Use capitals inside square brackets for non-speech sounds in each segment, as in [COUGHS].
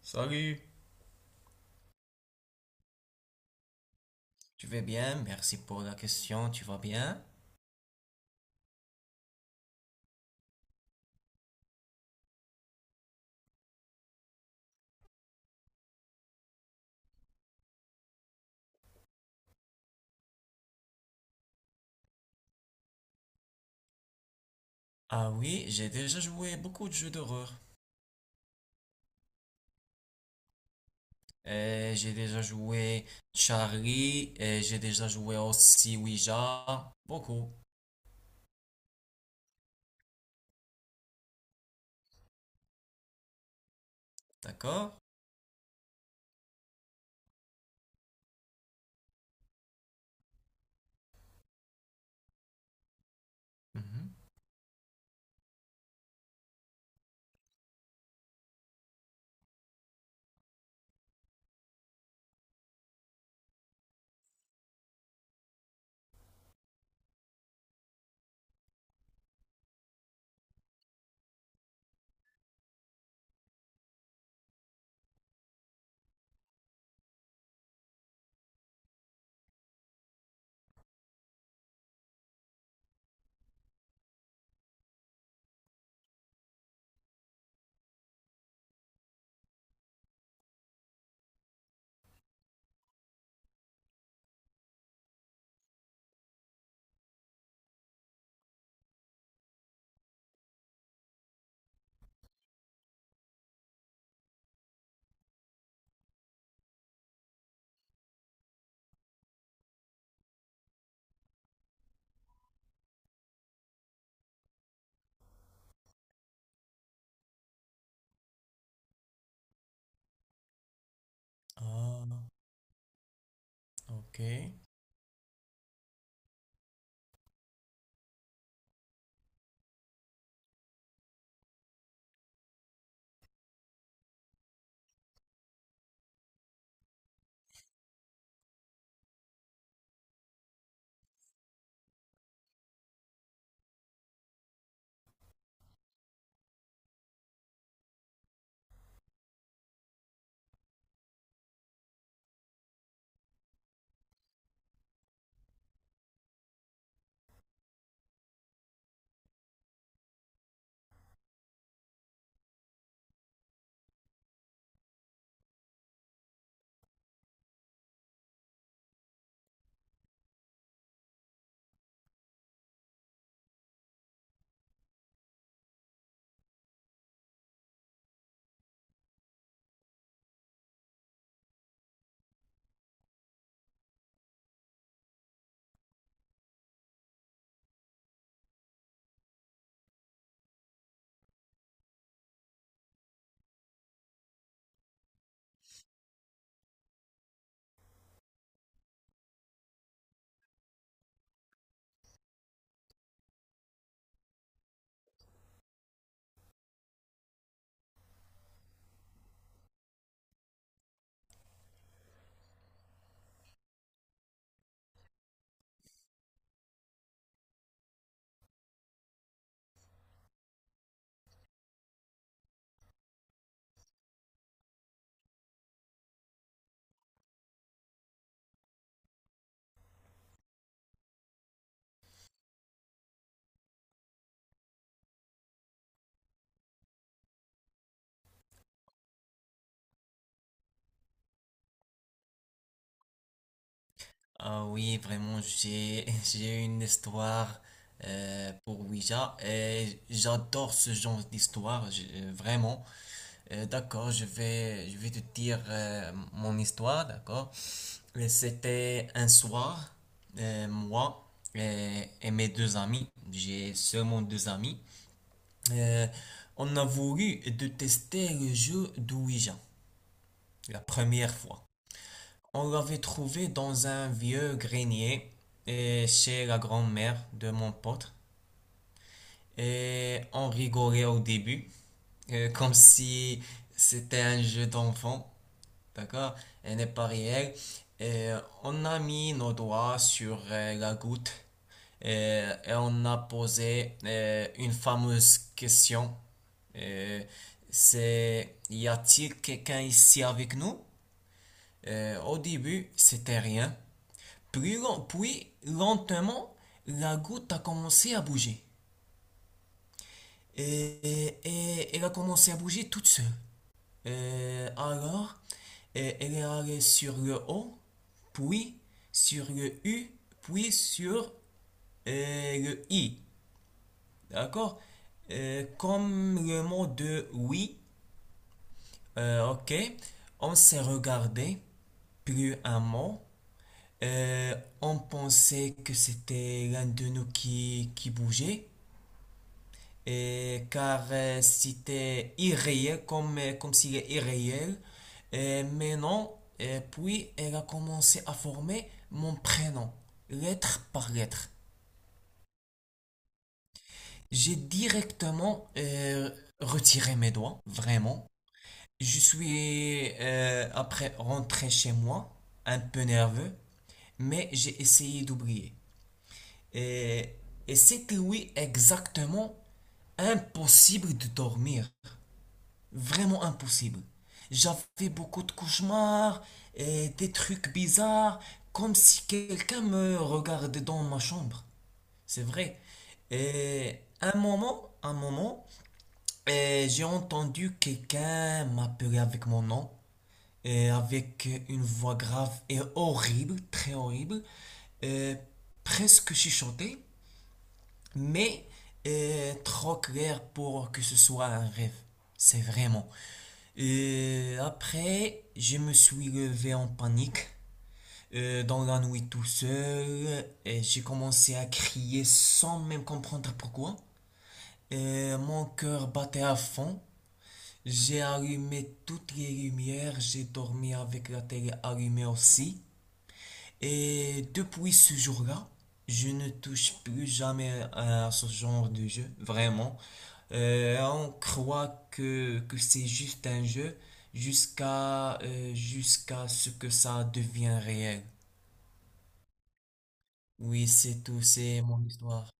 Salut. Tu vas bien? Merci pour la question. Tu vas bien? Ah oui, j'ai déjà joué beaucoup de jeux d'horreur. J'ai déjà joué Charlie, et j'ai déjà joué aussi Ouija. Beaucoup. D'accord? Mhm. Ah, ok. Ah oui, vraiment, j'ai [LAUGHS] j'ai une histoire pour Ouija et j'adore ce genre d'histoire, vraiment. D'accord, je vais te dire mon histoire, d'accord? Et c'était un soir, moi et mes deux amis, j'ai seulement deux amis, euh, on a voulu de tester le jeu d'Ouija la première fois. On l'avait trouvé dans un vieux grenier chez la grand-mère de mon pote et on rigolait au début comme si c'était un jeu d'enfant. D'accord? Elle n'est pas réelle. Et on a mis nos doigts sur la goutte et on a posé une fameuse question. Euh, c'est y a-t-il quelqu'un ici avec nous? Au début, c'était rien. Puis, puis, lentement, la goutte a commencé à bouger. Et, et elle a commencé à bouger toute seule. Alors, elle est allée sur le O, puis sur le U, puis sur le I. D'accord? Comme le mot de oui, ok, on s'est regardé, plus un mot. Euh, on pensait que c'était l'un de nous qui bougeait. Et car c'était irréel, comme, comme s'il est irréel. Mais non, et puis elle a commencé à former mon prénom, lettre par lettre. J'ai directement retiré mes doigts, vraiment. Je suis après rentré chez moi, un peu nerveux, mais j'ai essayé d'oublier. Et, et c'était oui exactement impossible de dormir. Vraiment impossible. J'avais beaucoup de cauchemars et des trucs bizarres, comme si quelqu'un me regardait dans ma chambre. C'est vrai. Et un moment, et j'ai entendu quelqu'un m'appeler avec mon nom, et avec une voix grave et horrible, très horrible, et presque chuchotée mais trop clair pour que ce soit un rêve. C'est vraiment. Après, je me suis levé en panique dans la nuit tout seul, j'ai commencé à crier sans même comprendre pourquoi. Et mon cœur battait à fond. J'ai allumé toutes les lumières, j'ai dormi avec la télé allumée aussi. Et depuis ce jour-là, je ne touche plus jamais à ce genre de jeu, vraiment. On croit que c'est juste un jeu jusqu'à ce que ça devienne réel. Oui, c'est tout, c'est mon histoire.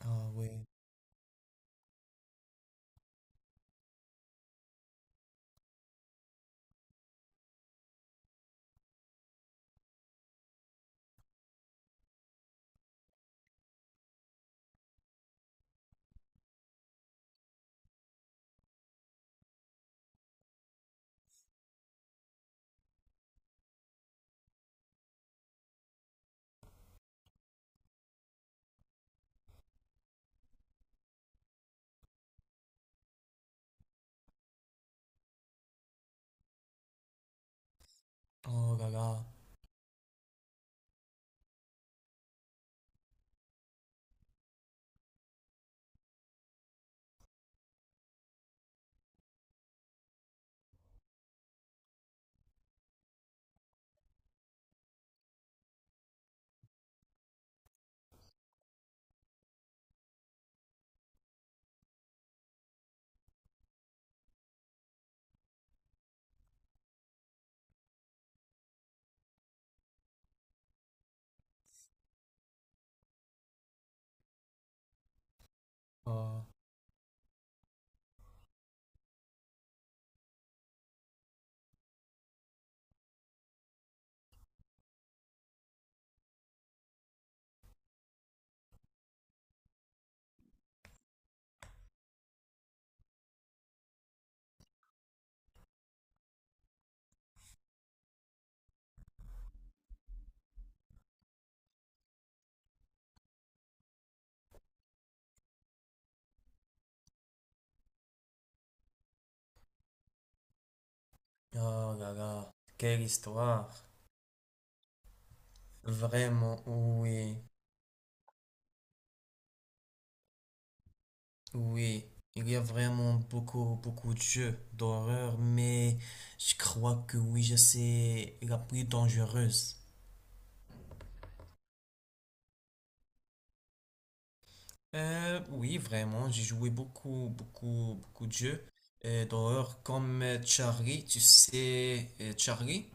Ah oui. Oh là là. Oh, oh là là. Quelle histoire. Vraiment, oui. Oui, il y a vraiment beaucoup, beaucoup de jeux d'horreur, mais je crois que Ouija, c'est la plus dangereuse. Oui, vraiment, j'ai joué beaucoup, beaucoup, beaucoup de jeux d'horreur, comme Charlie, tu sais, Charlie?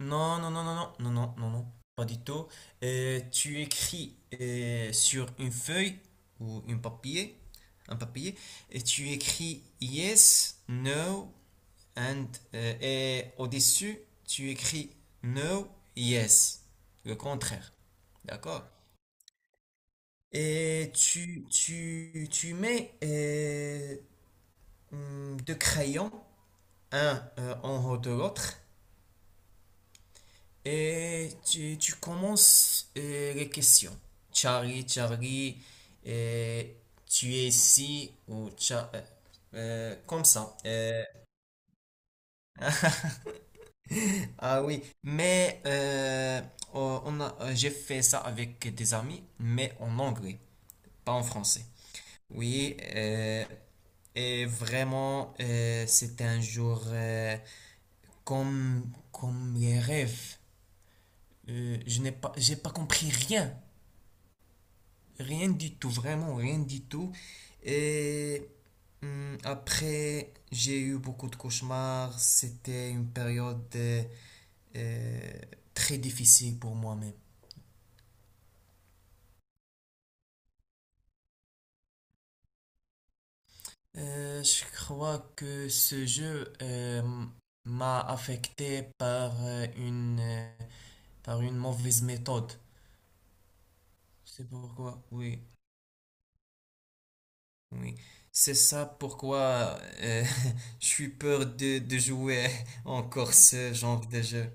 Non, non, non, non, non, non, non, non, non, pas du tout. Tu écris sur une feuille ou un papier, et tu écris yes, no and, et au-dessus, tu écris no, yes, le contraire. D'accord? Et tu mets deux crayons, un en haut de l'autre, et tu commences les questions. Charlie, Charlie, euh, tu es ici, ou comme ça. Ah oui, mais j'ai fait ça avec des amis, mais en anglais, pas en français. Oui, et vraiment, c'était un jour comme, comme les rêves. Je n'ai pas, j'ai pas compris rien, rien du tout, vraiment rien du tout. Et après, j'ai eu beaucoup de cauchemars. C'était une période euh, très difficile pour moi-même. Je crois que ce jeu m'a affecté par par une mauvaise méthode. C'est pourquoi, oui, oui. C'est ça pourquoi [LAUGHS] je suis peur de jouer encore ce genre de jeu.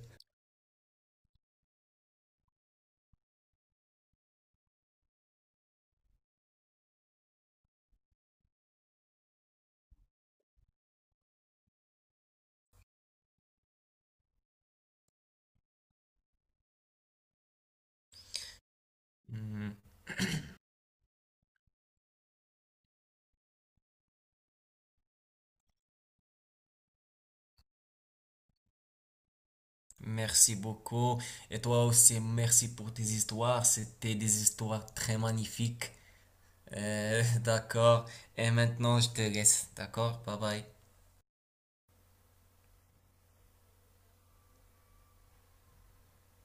Mhm. [COUGHS] Merci beaucoup. Et toi aussi, merci pour tes histoires. C'était des histoires très magnifiques. [LAUGHS] D'accord. Et maintenant, je te laisse. D'accord? Bye bye.